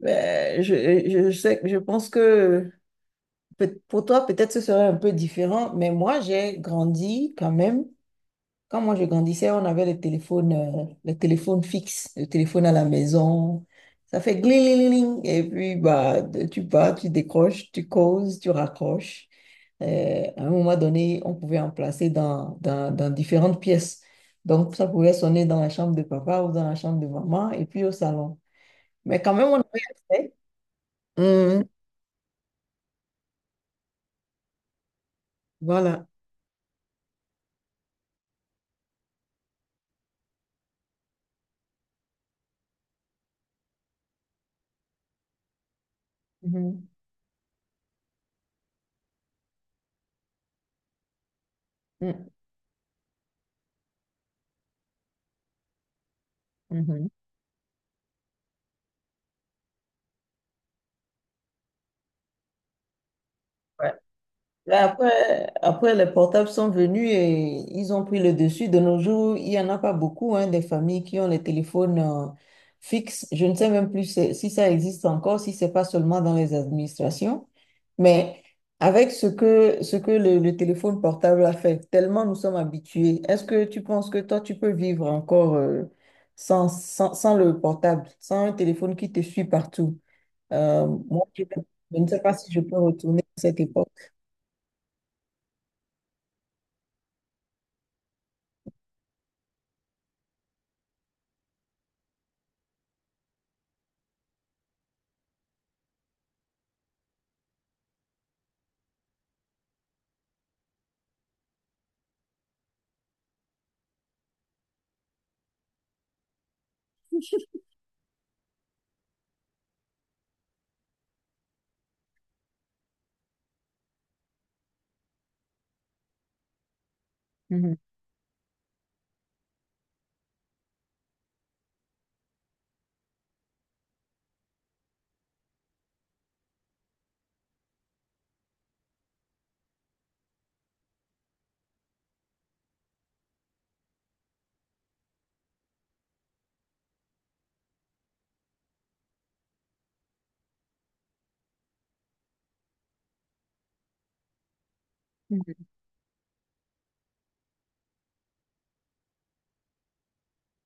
Je sais, je pense que pour toi, peut-être ce serait un peu différent, mais moi, j'ai grandi quand même. Quand moi, je grandissais, on avait le téléphone fixe, le téléphone à la maison. Ça fait gling, et puis bah, tu vas, tu décroches, tu causes, tu raccroches. À un moment donné, on pouvait en placer dans différentes pièces. Donc, ça pouvait sonner dans la chambre de papa ou dans la chambre de maman et puis au salon. Mais quand même, on avait accès. Voilà. Mhm. Mm, mhm. Ouais. Là, après, les portables sont venus et ils ont pris le dessus. De nos jours, il n'y en a pas beaucoup, hein, des familles qui ont les téléphones fixes. Je ne sais même plus si ça existe encore, si c'est pas seulement dans les administrations. Mais avec ce que le téléphone portable a fait, tellement nous sommes habitués, est-ce que tu penses que toi, tu peux vivre encore sans le portable, sans un téléphone qui te suit partout? Euh, moi, je, je ne sais pas si je peux retourner à cette époque. Mhm,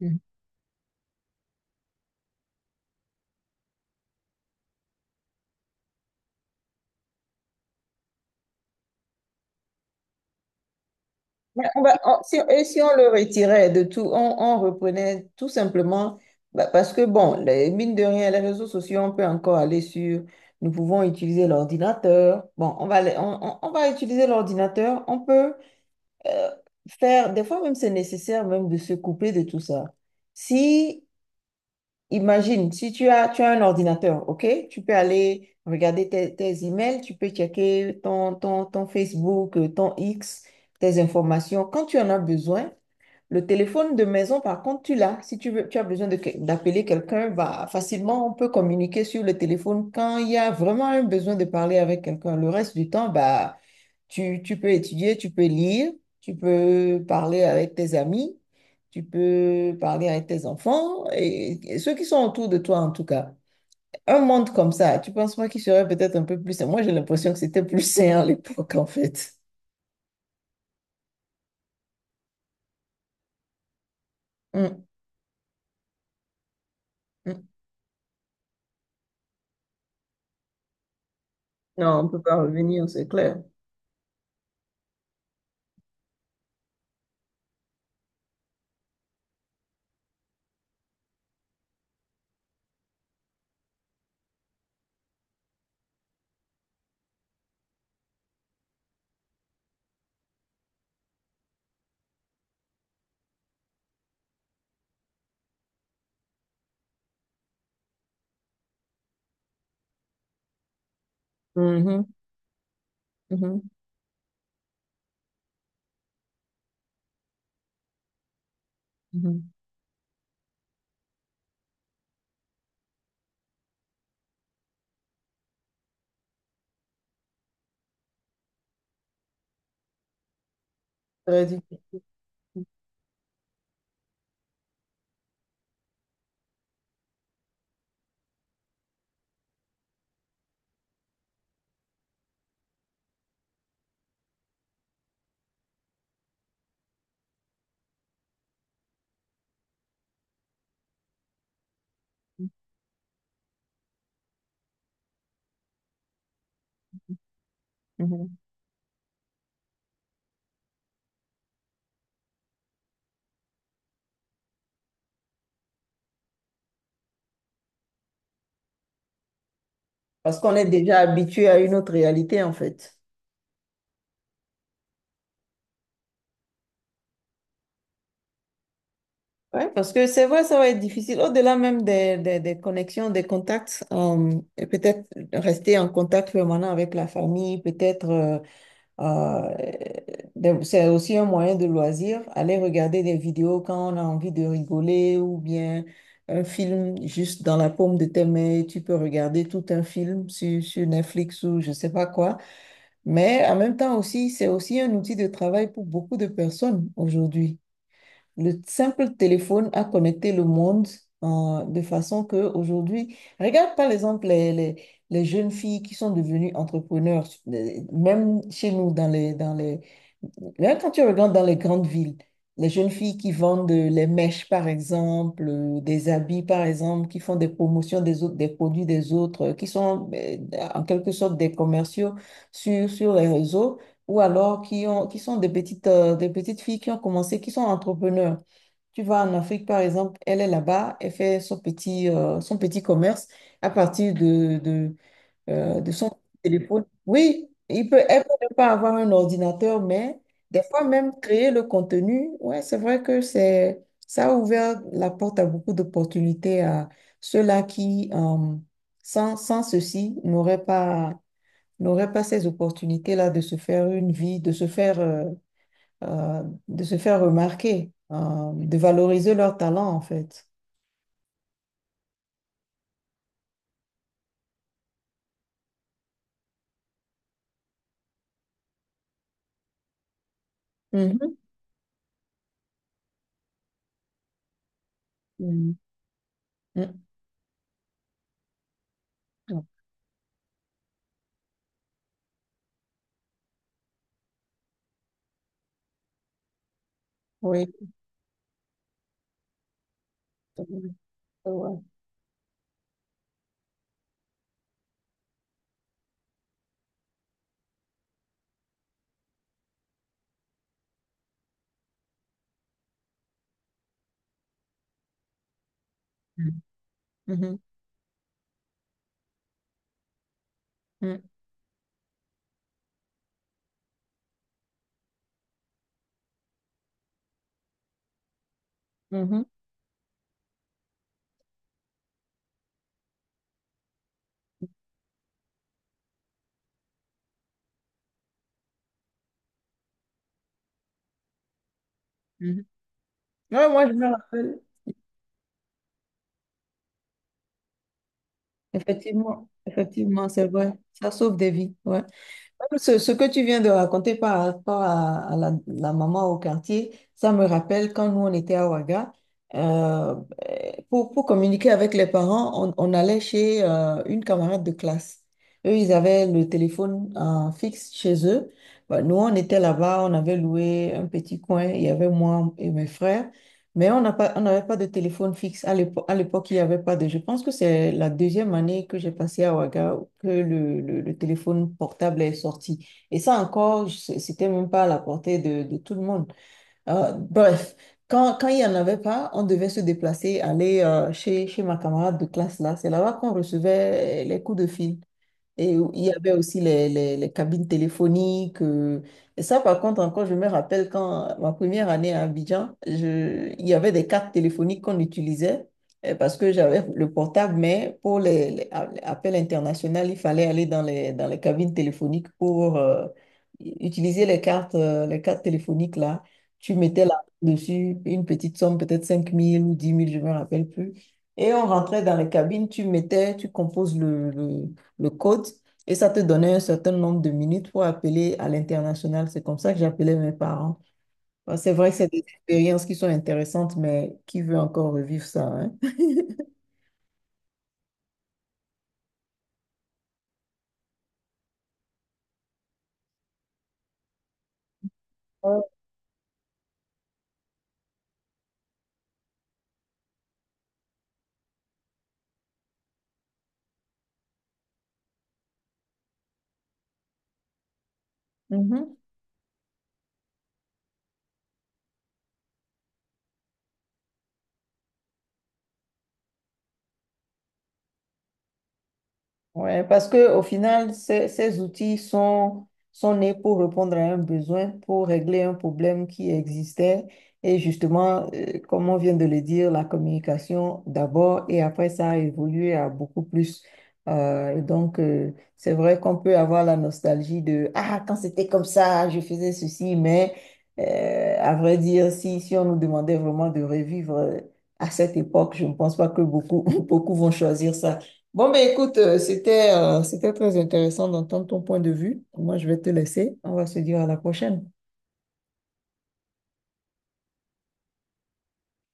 mhm. Si, et si on le retirait de tout, on reprenait tout simplement, bah, parce que bon, les, mine de rien, les réseaux sociaux, on peut encore aller sur, nous pouvons utiliser l'ordinateur. Bon, on va utiliser l'ordinateur, on peut euh, faire, des fois même c'est nécessaire même de se couper de tout ça. Si Imagine, si tu as un ordinateur, OK? Tu peux aller regarder tes emails, tu peux checker ton Facebook, ton X, tes informations. Quand tu en as besoin, le téléphone de maison, par contre, tu l'as. Si tu veux, tu as besoin de d'appeler quelqu'un, bah, facilement, on peut communiquer sur le téléphone quand il y a vraiment un besoin de parler avec quelqu'un. Le reste du temps, bah, tu peux étudier, tu peux lire, tu peux parler avec tes amis, tu peux parler avec tes enfants et ceux qui sont autour de toi, en tout cas. Un monde comme ça, tu penses pas qu'il serait peut-être un peu plus sain? Moi, j'ai l'impression que c'était plus sain à l'époque, en fait. Mm, mm. Non, on peut pas revenir, c'est clair. Mhm, mhm. Mhm. Très utile. Mhm. Parce qu'on est déjà habitué à une autre réalité, en fait. Ouais, parce que c'est vrai, ça va être difficile. Au-delà même des connexions, des contacts, et peut-être rester en contact permanent avec la famille, peut-être euh, c'est aussi un moyen de loisir, aller regarder des vidéos quand on a envie de rigoler ou bien un film juste dans la paume de tes mains, tu peux regarder tout un film sur Netflix ou je sais pas quoi. Mais en même temps aussi, c'est aussi un outil de travail pour beaucoup de personnes aujourd'hui. Le simple téléphone a connecté le monde de façon que aujourd'hui, regarde par exemple les jeunes filles qui sont devenues entrepreneurs, même chez nous dans les Là, quand tu regardes dans les grandes villes, les jeunes filles qui vendent les mèches, par exemple, des habits, par exemple, qui font des promotions des autres, des produits des autres, qui sont en quelque sorte des commerciaux sur les réseaux, ou alors qui sont des petites filles qui ont commencé, qui sont entrepreneurs. Tu vas en Afrique, par exemple, elle est là-bas, elle fait son petit commerce à partir de son téléphone. Oui, elle peut ne pas avoir un ordinateur, mais des fois même créer le contenu, ouais, c'est vrai que ça a ouvert la porte à beaucoup d'opportunités à ceux-là qui, sans, sans ceci, n'auraient pas ces opportunités-là de se faire une vie, euh, de se faire remarquer, de valoriser leur talent, en fait. Mhm. Mhm. Mhm. Oui. Ouais. Mhm. Mhm. Mhm, mhm. Ouais, moi, je me rappelle. Effectivement, effectivement, c'est vrai. Ça sauve des vies. Ouais. Même ce que tu viens de raconter par rapport à, la maman au quartier, ça me rappelle quand nous, on était à Ouaga. euh, pour communiquer avec les parents, on allait chez une camarade de classe. Eux, ils avaient le téléphone fixe chez eux. Bah, nous, on était là-bas, on avait loué un petit coin. Il y avait moi et mes frères. Mais on n'avait pas de téléphone fixe. À l'époque, il n'y avait pas de. Je pense que c'est la deuxième année que j'ai passé à Ouaga que le téléphone portable est sorti. Et ça encore, c'était même pas à la portée de tout le monde. Euh, bref, Quand, quand il n'y en avait pas, on devait se déplacer, aller chez ma camarade de classe là. C'est là-bas qu'on recevait les coups de fil. Et il y avait aussi les cabines téléphoniques. Et ça, par contre, encore, je me rappelle quand ma première année à Abidjan, il y avait des cartes téléphoniques qu'on utilisait parce que j'avais le portable, mais pour les appels internationaux, il fallait aller dans les cabines téléphoniques pour utiliser les cartes téléphoniques là. Tu mettais là dessus une petite somme, peut-être 5000 ou 10 000 je ne me rappelle plus. Et on rentrait dans les cabines, tu mettais, tu composes le code, et ça te donnait un certain nombre de minutes pour appeler à l'international. C'est comme ça que j'appelais mes parents. Bah, c'est vrai que c'est des expériences qui sont intéressantes, mais qui veut encore revivre ça, hein? Ouais. Mhm. Ouais, parce que au final, ces outils sont nés pour répondre à un besoin, pour régler un problème qui existait. Et justement, comme on vient de le dire, la communication d'abord et après ça a évolué à beaucoup plus. Euh, et donc, euh, c'est vrai qu'on peut avoir la nostalgie de Ah, quand c'était comme ça, je faisais ceci, mais à vrai dire, si on nous demandait vraiment de revivre à cette époque, je ne pense pas que beaucoup, beaucoup vont choisir ça. Bon, ben écoute, c'était très intéressant d'entendre ton point de vue. Moi, je vais te laisser. On va se dire à la prochaine.